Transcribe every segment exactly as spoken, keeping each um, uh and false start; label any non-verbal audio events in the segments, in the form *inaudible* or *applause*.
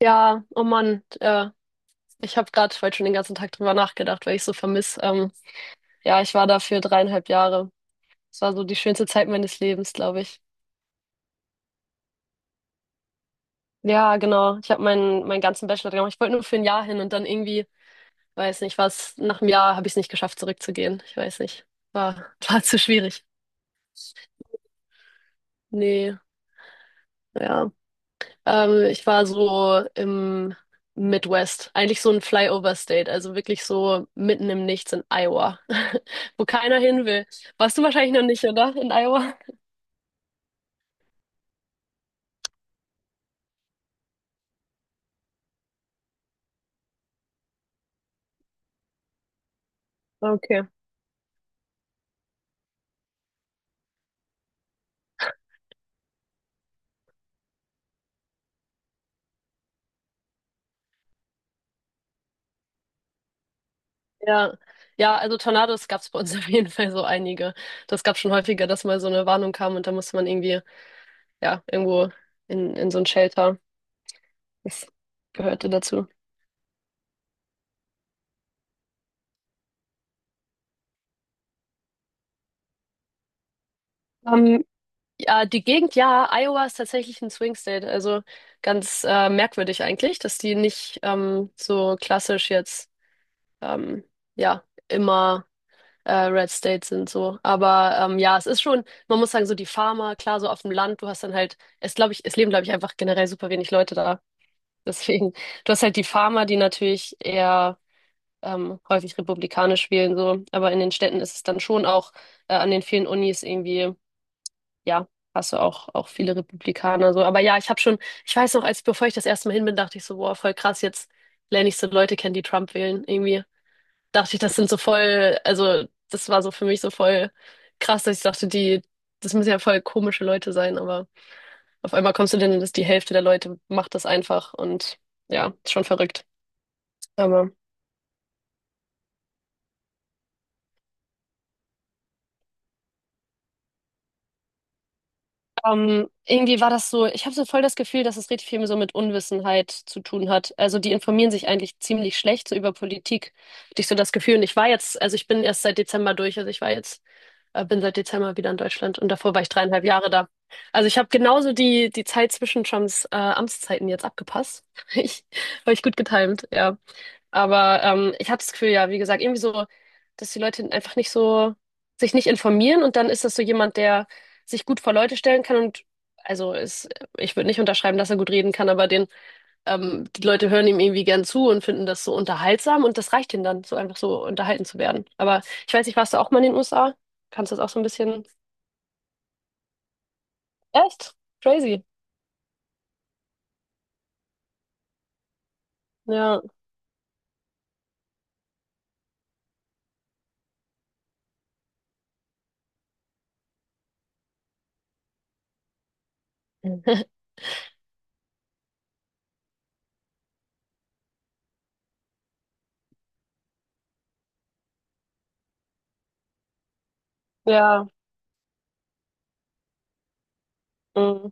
Ja, oh Mann, äh, ich habe gerade heute schon den ganzen Tag drüber nachgedacht, weil ich so vermiss. Ähm, ja, ich war da für dreieinhalb Jahre. Es war so die schönste Zeit meines Lebens, glaube ich. Ja, genau. Ich habe meinen meinen ganzen Bachelor gemacht. Ich wollte nur für ein Jahr hin und dann irgendwie, weiß nicht, was, nach einem Jahr habe ich es nicht geschafft, zurückzugehen. Ich weiß nicht. War, *laughs* war zu schwierig. Nee, ja. Ähm, ich war so im Midwest, eigentlich so ein Flyover State, also wirklich so mitten im Nichts in Iowa, *laughs* wo keiner hin will. Warst du wahrscheinlich noch nicht, oder? In Iowa? Okay. Ja. Ja, also Tornados gab es bei uns *laughs* auf jeden Fall so einige. Das gab schon häufiger, dass mal so eine Warnung kam und da musste man irgendwie, ja, irgendwo in, in so ein Shelter. Das gehörte dazu. Ähm, Ja, die Gegend, ja, Iowa ist tatsächlich ein Swing State. Also ganz äh, merkwürdig eigentlich, dass die nicht ähm, so klassisch jetzt, ähm, ja, immer äh, Red State sind so. Aber ähm, ja, es ist schon, man muss sagen, so die Farmer, klar, so auf dem Land, du hast dann halt, es glaube ich, es leben, glaube ich, einfach generell super wenig Leute da. Deswegen, du hast halt die Farmer, die natürlich eher ähm, häufig republikanisch wählen, so. Aber in den Städten ist es dann schon auch äh, an den vielen Unis irgendwie ja, hast du auch, auch viele Republikaner so. Aber ja, ich habe schon, ich weiß noch, als bevor ich das erste Mal hin bin, dachte ich so, boah, voll krass, jetzt lerne ich so Leute kennen, die Trump wählen. Irgendwie dachte ich, das sind so voll, also das war so für mich so voll krass, dass ich dachte, die, das müssen ja voll komische Leute sein, aber auf einmal kommst du denn, dass die Hälfte der Leute macht das einfach und ja, ist schon verrückt. Aber Ähm, irgendwie war das so, ich habe so voll das Gefühl, dass es richtig viel so mit Unwissenheit zu tun hat. Also die informieren sich eigentlich ziemlich schlecht so über Politik, hatte ich so das Gefühl. Und ich war jetzt, also ich bin erst seit Dezember durch, also ich war jetzt, äh, bin seit Dezember wieder in Deutschland und davor war ich dreieinhalb Jahre da. Also ich habe genauso die, die Zeit zwischen Trumps äh, Amtszeiten jetzt abgepasst. *laughs* Ich, habe ich gut getimt, ja. Aber ähm, ich hatte das Gefühl, ja, wie gesagt, irgendwie so, dass die Leute einfach nicht so sich nicht informieren und dann ist das so jemand, der sich gut vor Leute stellen kann und also ist, ich würde nicht unterschreiben, dass er gut reden kann, aber den, ähm, die Leute hören ihm irgendwie gern zu und finden das so unterhaltsam und das reicht ihnen dann, so einfach so unterhalten zu werden. Aber ich weiß nicht, warst du auch mal in den U S A? Kannst du das auch so ein bisschen? Echt? Crazy. Ja. *laughs* Ja. Mm,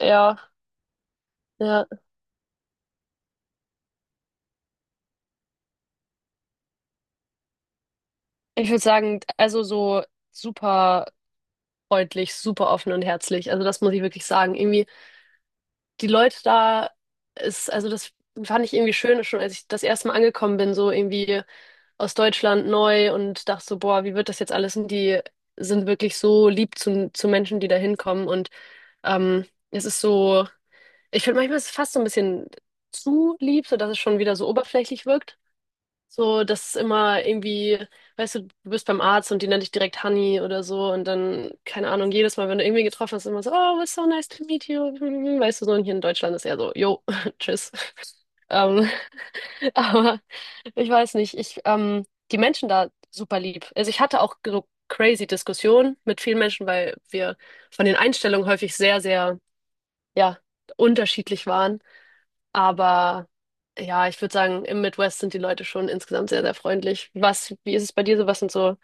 ja. Ja. Ich würde sagen, also so super, freundlich, super offen und herzlich. Also das muss ich wirklich sagen. Irgendwie die Leute da ist, also das fand ich irgendwie schön, schon als ich das erste Mal angekommen bin, so irgendwie aus Deutschland neu und dachte so, boah, wie wird das jetzt alles? Und die sind wirklich so lieb zu, zu Menschen, die da hinkommen. Und ähm, es ist so, ich finde manchmal ist es fast so ein bisschen zu lieb, sodass es schon wieder so oberflächlich wirkt. So, das ist immer irgendwie, weißt du, du bist beim Arzt und die nennt dich direkt Honey oder so und dann, keine Ahnung, jedes Mal, wenn du irgendwie getroffen hast, immer so, oh, it's so nice to meet you. *laughs* Weißt du, so und hier in Deutschland ist eher so, yo, *laughs* tschüss. Ähm, *laughs* aber ich weiß nicht, ich, ähm, die Menschen da super lieb. Also ich hatte auch so crazy Diskussionen mit vielen Menschen, weil wir von den Einstellungen häufig sehr, sehr, ja, unterschiedlich waren. Aber ja, ich würde sagen, im Midwest sind die Leute schon insgesamt sehr, sehr freundlich. Was, wie ist es bei dir so? Was sind so,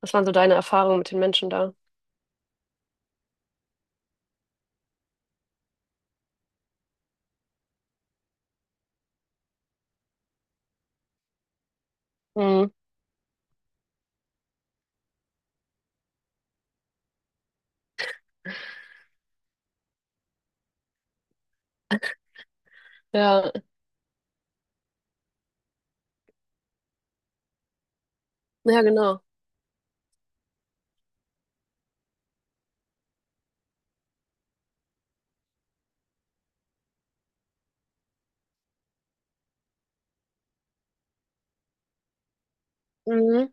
was waren so deine Erfahrungen mit den Menschen da? Mhm. Ja, ja, genau. Mhm.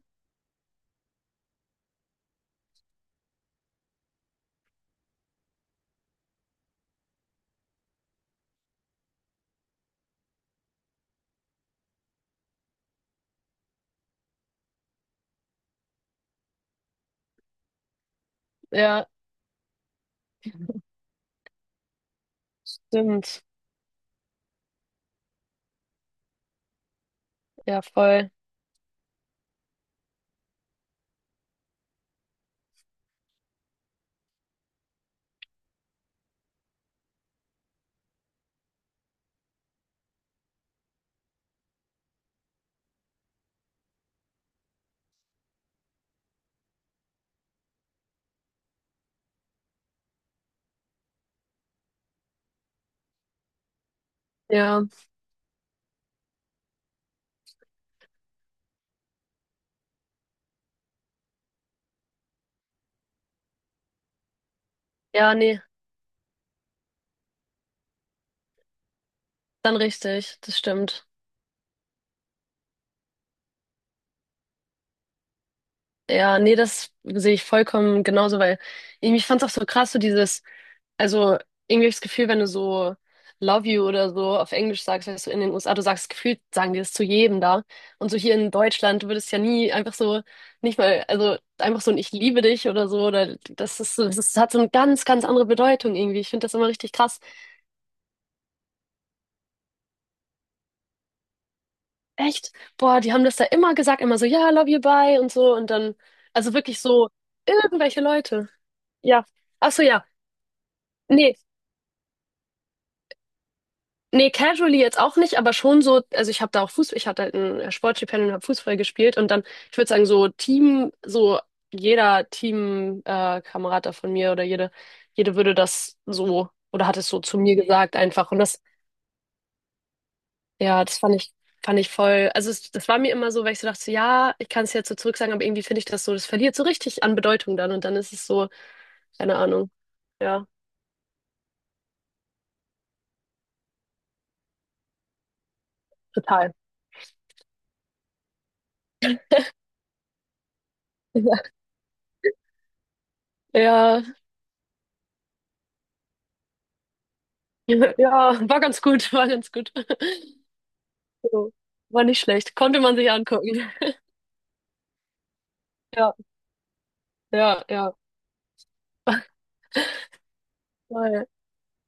Ja, stimmt. Ja, voll. Ja, ja, nee, dann richtig. Das stimmt. Ja, nee, das sehe ich vollkommen genauso, weil ich, ich fand es auch so krass, so dieses. Also irgendwie habe ich das Gefühl, wenn du so Love you oder so auf Englisch sagst, weißt du, in den U S A, du sagst gefühlt, sagen die das zu jedem da. Und so hier in Deutschland, du würdest ja nie einfach so, nicht mal, also einfach so ein Ich liebe dich oder so, oder das ist, so- das ist, hat so eine ganz, ganz andere Bedeutung irgendwie. Ich finde das immer richtig krass. Echt? Boah, die haben das da immer gesagt, immer so, ja, love you, bye und so. Und dann, also wirklich so, irgendwelche Leute. Ja. Ach so, ja. Nee. Nee, casually jetzt auch nicht, aber schon so, also ich habe da auch Fußball, ich hatte halt ein Sportstipendium und habe Fußball gespielt und dann, ich würde sagen, so Team, so jeder Team, äh, Kamerad da von mir oder jede, jede würde das so oder hat es so zu mir gesagt einfach. Und das, ja, das fand ich, fand ich voll, also es, das war mir immer so, weil ich so dachte, so, ja, ich kann es jetzt so zurück sagen, aber irgendwie finde ich das so, das verliert so richtig an Bedeutung dann und dann ist es so, keine Ahnung, ja, total. *laughs* Ja, *laughs* ja, war ganz gut, *laughs* war ganz gut. So, war nicht schlecht. Konnte man sich angucken. *laughs* Ja, ja, ja. Voll.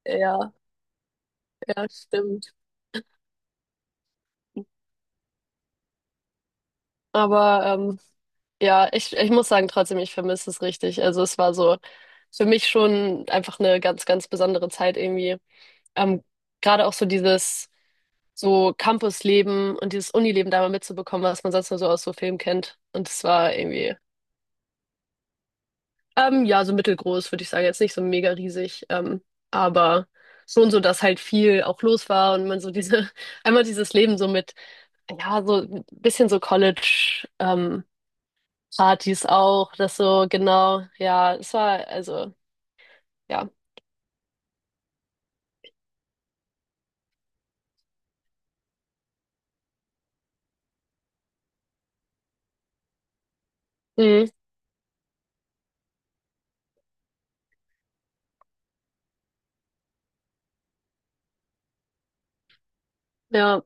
Ja, ja, stimmt. Aber ähm, ja, ich, ich muss sagen, trotzdem, ich vermisse es richtig. Also es war so für mich schon einfach eine ganz, ganz besondere Zeit irgendwie. Ähm, gerade auch so dieses so Campusleben und dieses Unileben da mal mitzubekommen, was man sonst nur so aus so Filmen kennt. Und es war irgendwie Ähm, ja, so mittelgroß, würde ich sagen. Jetzt nicht so mega riesig, ähm, aber schon so, dass halt viel auch los war und man so diese, *laughs* einmal dieses Leben so mit, ja, so ein bisschen so College, ähm, Partys auch, das so, genau, ja, es war, also, ja, mhm, ja,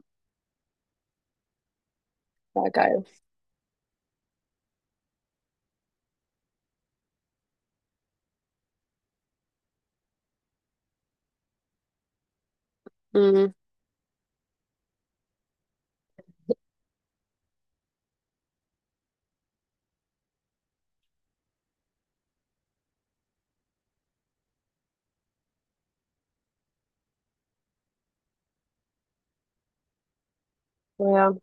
war geil, mhm, ja,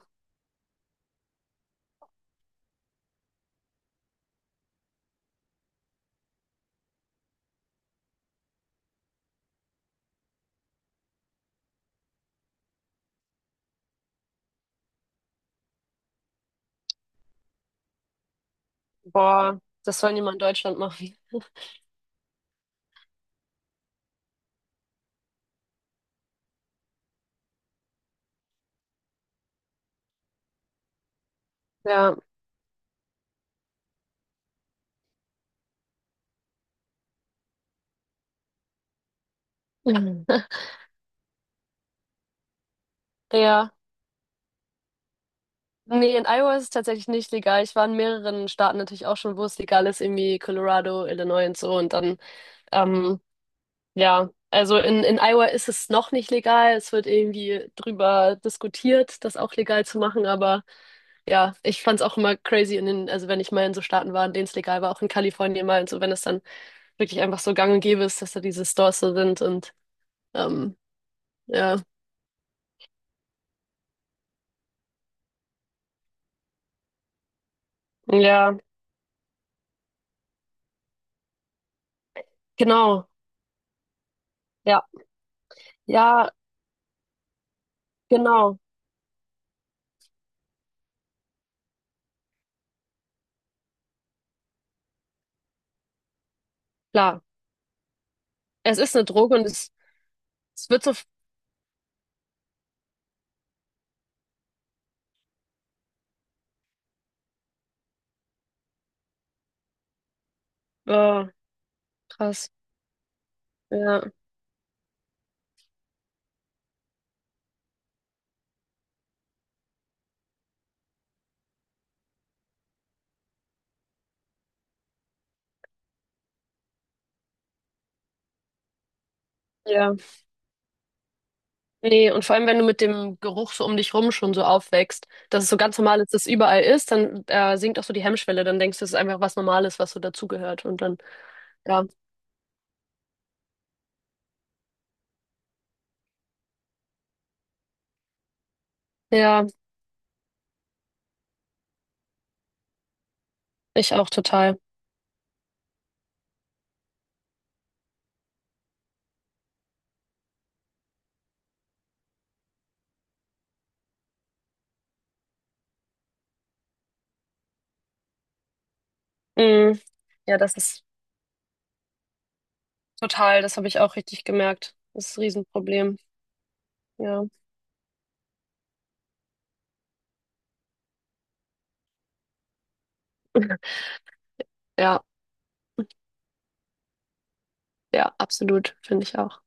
boah, das soll niemand in Deutschland machen, ja, *laughs* ja. Nee, in Iowa ist es tatsächlich nicht legal. Ich war in mehreren Staaten natürlich auch schon, wo es legal ist, irgendwie Colorado, Illinois und so. Und dann Ähm, ja, also in, in Iowa ist es noch nicht legal. Es wird irgendwie drüber diskutiert, das auch legal zu machen. Aber ja, ich fand's auch immer crazy in den, also wenn ich mal in so Staaten war, in denen es legal war, auch in Kalifornien mal und so, wenn es dann wirklich einfach so gang und gäbe ist, dass da diese Stores so sind und ähm, ja. Ja, genau. Ja, ja, genau. Klar. Es ist eine Droge und es, es wird so, äh, krass. Ja, ja. Nee, und vor allem, wenn du mit dem Geruch so um dich rum schon so aufwächst, dass es so ganz normal ist, dass es überall ist, dann äh, sinkt auch so die Hemmschwelle. Dann denkst du, es ist einfach was Normales, was so dazugehört. Und dann, ja, ja, ich auch total. Mm, ja, das ist total, das habe ich auch richtig gemerkt. Das ist ein Riesenproblem. Ja, *laughs* ja, ja, absolut, finde ich auch.